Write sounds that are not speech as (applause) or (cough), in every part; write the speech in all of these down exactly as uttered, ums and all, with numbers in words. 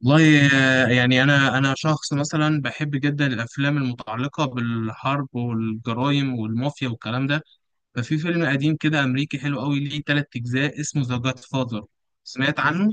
والله. آه، يعني انا انا شخص مثلا بحب جدا الافلام المتعلقه بالحرب والجرائم والمافيا والكلام ده. ففي فيلم قديم كده امريكي حلو قوي ليه ثلاث اجزاء اسمه ذا جاد فاذر. سمعت عنه؟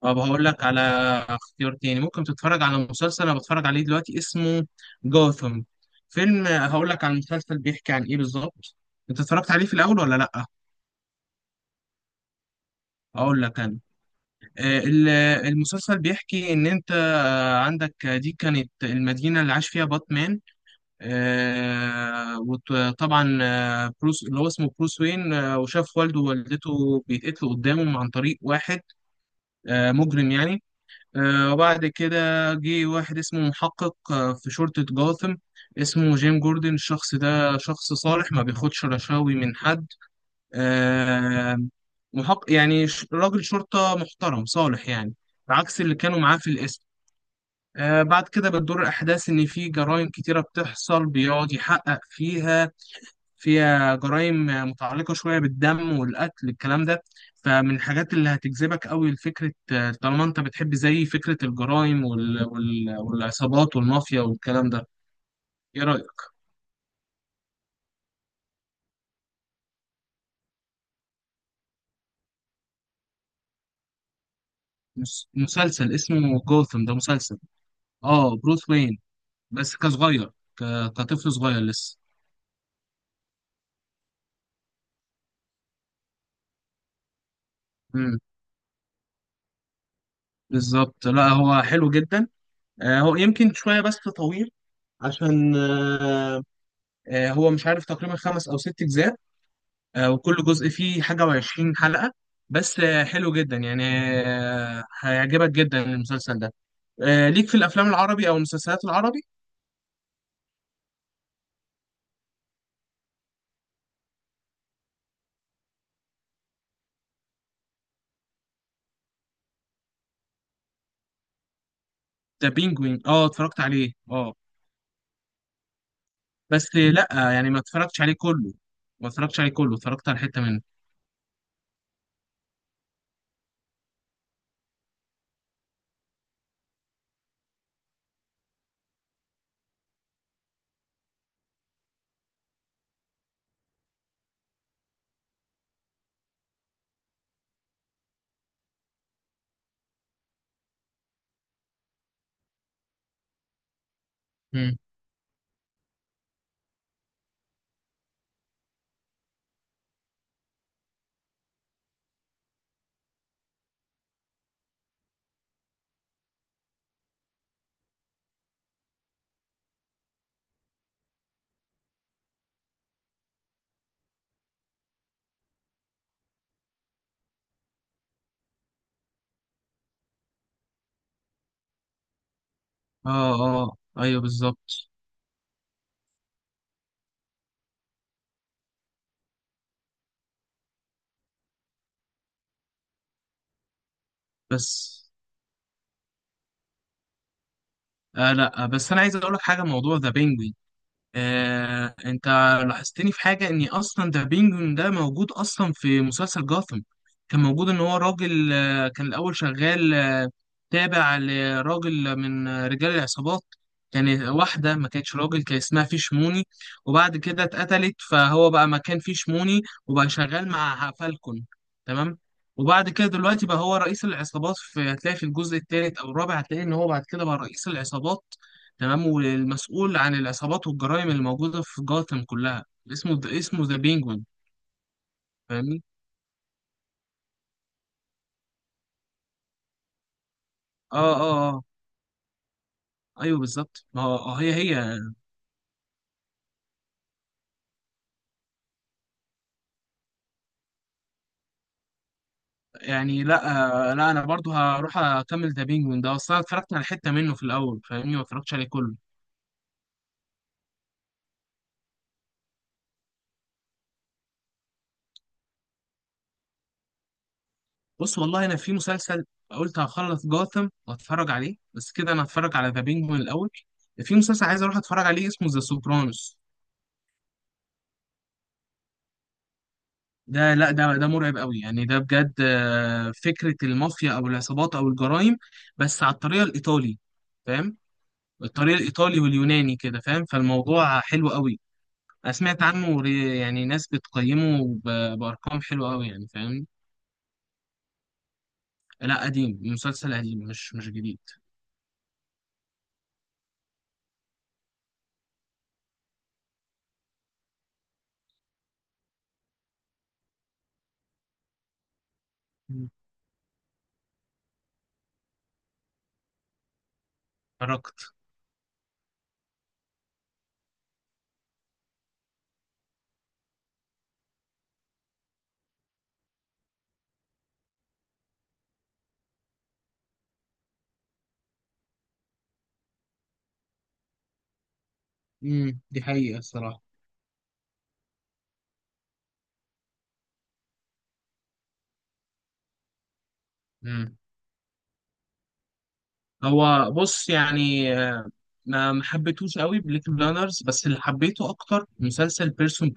طب هقول لك على اختيار تاني. ممكن تتفرج على مسلسل انا بتفرج عليه دلوقتي اسمه جوثم. فيلم هقول لك على المسلسل بيحكي عن ايه بالظبط. انت اتفرجت عليه في الاول ولا لا؟ هقول لك انا. آه، ال- المسلسل بيحكي إن أنت آه، عندك آه، دي كانت المدينة اللي عاش فيها باتمان. آه، وطبعا آه، بروس اللي هو اسمه بروس وين، آه، وشاف والده ووالدته بيتقتلوا قدامه عن طريق واحد آه، مجرم يعني. آه، وبعد كده جه واحد اسمه محقق آه، في شرطة جاثم، اسمه جيم جوردن. الشخص ده شخص صالح، ما بياخدش رشاوي من حد. آه، محق يعني، ش- راجل شرطة محترم صالح يعني، عكس اللي كانوا معاه في القسم. آه، بعد كده بتدور الأحداث إن في جرائم كتيرة بتحصل بيقعد يحقق فيها. فيها جرائم آه، متعلقة شوية بالدم والقتل الكلام ده. فمن الحاجات اللي هتجذبك قوي لفكرة، آه، طالما أنت بتحب زي فكرة الجرائم وال... وال... والعصابات والمافيا والكلام ده. إيه رأيك؟ مس- مسلسل اسمه جوثم، ده مسلسل. آه، بروث وين بس كصغير، ك... كطفل صغير لسه. امم، بالظبط. لا هو حلو جدا. آه، هو يمكن شويه بس طويل عشان آه، آه، هو مش عارف، تقريبا خمس او ست اجزاء. آه، وكل جزء فيه حاجه وعشرين حلقه، بس آه، حلو جدا يعني. آه، هيعجبك جدا المسلسل ده. آه، ليك في الافلام العربي او المسلسلات العربي؟ ده بينجوين، اه اتفرجت عليه اه. بس آه، لا، يعني ما اتفرجتش عليه كله. ما اتفرجتش عليه كله اتفرجت على حته منه. مم. اه اه، ايوه بالظبط. بس آه، لا. آه، بس انا عايز اقول لك حاجه، موضوع ذا بينجوين. آه، انت لاحظتني في حاجة، ان اصلا ذا بينجوين ده موجود اصلا في مسلسل جاثم. كان موجود، ان هو راجل آه، كان الاول شغال آه، تابع لراجل من آه، رجال العصابات. كان واحدة ما كانتش راجل، كان اسمها فيشموني، وبعد كده اتقتلت فهو بقى مكان فيشموني، وبقى شغال مع فالكون. تمام. وبعد كده دلوقتي بقى هو رئيس العصابات. في هتلاقي في الجزء الثالث او الرابع هتلاقي ان هو بعد كده بقى رئيس العصابات. تمام. والمسؤول عن العصابات والجرائم اللي موجودة في جاثم كلها، اسمه اسمه ذا بينجوين. فاهمني. اه اه اه، ايوه بالظبط. ما هو، آه، هي هي. يعني لا، آه، لا انا برضو هروح اكمل ذا بينجوين ده، اصلا اتفرجت على حتة منه في الاول، فاهمني، ما اتفرجتش عليه كله. بص والله انا في مسلسل، قلت هخلص جاثم واتفرج عليه، بس كده انا هتفرج على ذا بينجوين الاول. في مسلسل عايز اروح اتفرج عليه اسمه ذا سوبرانوس. ده لا ده ده مرعب قوي يعني، ده بجد آه، فكرة المافيا او العصابات او الجرائم، بس على الطريقة الايطالي، فاهم؟ الطريقة الايطالي واليوناني كده، فاهم؟ فالموضوع حلو قوي. انا سمعت عنه، ري- يعني ناس بتقيمه ب- بارقام حلوة قوي يعني، فاهم؟ لا قديم، مسلسل قديم، مش مش جديد. مم. اتفرجت. امم، دي حقيقة الصراحة. امم. هو بص يعني، آه، ما ما حبيتهوش قوي بليك بلانرز، بس اللي حبيته اكتر مسلسل بيرسون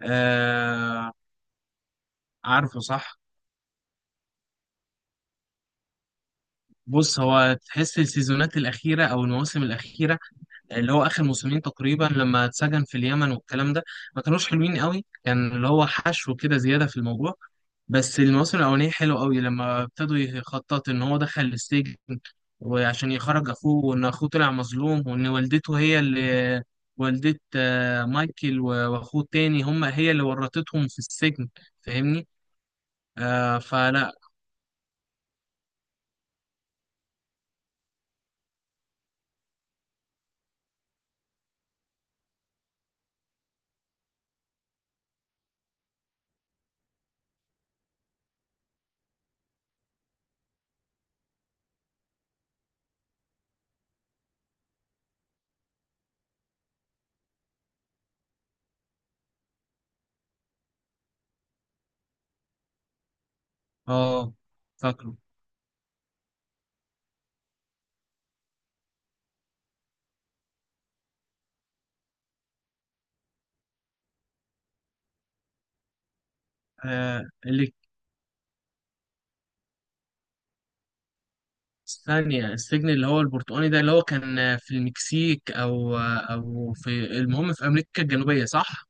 بريك. عارفه صح؟ بص هو تحس السيزونات الأخيرة أو المواسم الأخيرة، اللي هو آخر موسمين تقريبا لما اتسجن في اليمن والكلام ده، ما كانوش حلوين قوي، كان اللي هو حشو كده زيادة في الموضوع. بس المواسم الأولانية حلوة قوي، لما ابتدوا يخطط إن هو دخل السجن وعشان يخرج أخوه، وإن أخوه طلع مظلوم، وإن والدته هي اللي، والدة آه، مايكل و- وأخوه التاني، هم هي اللي ورطتهم في السجن. فاهمني؟ آه فلا. اه فاكره. آه، اللي ثانية السجن اللي هو البرتقاني ده، اللي هو كان في المكسيك أو أو في، المهم في أمريكا الجنوبية صح؟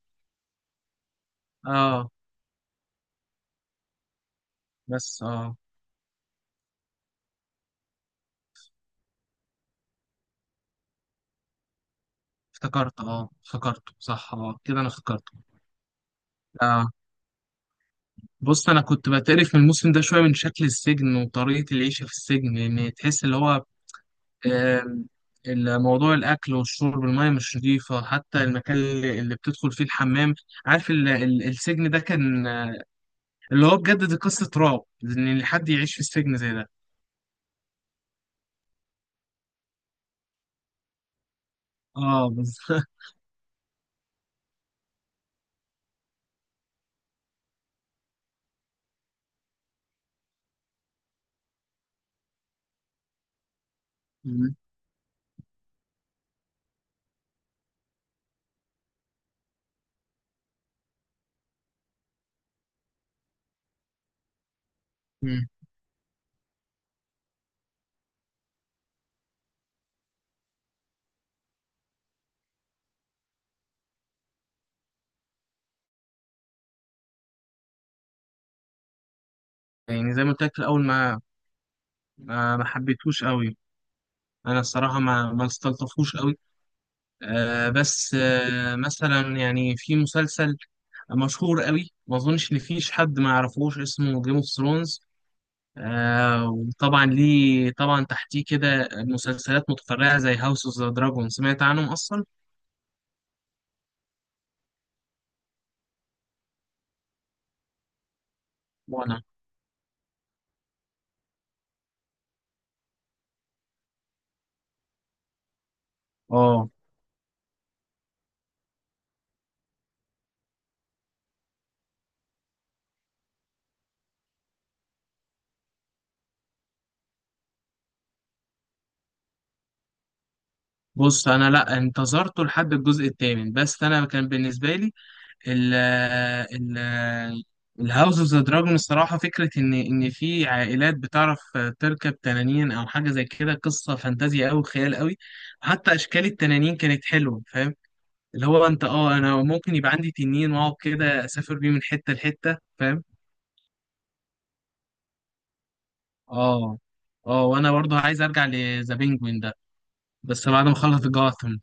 آه بس آه، افتكرت آه، افتكرته صح آه، كده أنا افتكرته. آه بص أنا كنت بتقرف من الموسم ده شوية، من شكل السجن وطريقة العيشة في السجن، لأن تحس اللي هو، آم، الموضوع الأكل والشرب، المية مش نظيفة، حتى المكان اللي اللي بتدخل فيه الحمام. عارف ال- ال- السجن ده كان آه، اللي هو بجد دي قصة رعب إن حد يعيش في السجن زي ده. اه بالظبط. (laughs) مم. يعني زي ما قلت لك في الاول، ما ما ما حبيتهوش قوي، انا الصراحه ما ما استلطفوش قوي. آه بس آه، مثلا يعني في مسلسل مشهور قوي، ما اظنش ان فيش حد ما يعرفوش، اسمه جيم اوف ثرونز. آه وطبعا ليه طبعا تحتيه كده مسلسلات متفرعه زي هاوس اوف ذا دراجون، سمعت عنهم اصلا؟ وانا اه. بص انا لا انتظرته لحد الجزء الثامن، بس انا كان بالنسبه لي ال ال الهاوس اوف ذا دراجون، الصراحة فكرة إن إن في عائلات بتعرف تركب تنانين أو حاجة زي كده، قصة فانتازيا أوي، خيال أوي. وحتى أشكال التنانين كانت حلوة، فاهم؟ اللي هو أنت أه أنا ممكن يبقى عندي تنين وأقعد كده أسافر بيه من حتة لحتة، فاهم؟ أه أه، وأنا برضه عايز أرجع لذا بينجوين ده، بس بعد ما أخلص جاثم.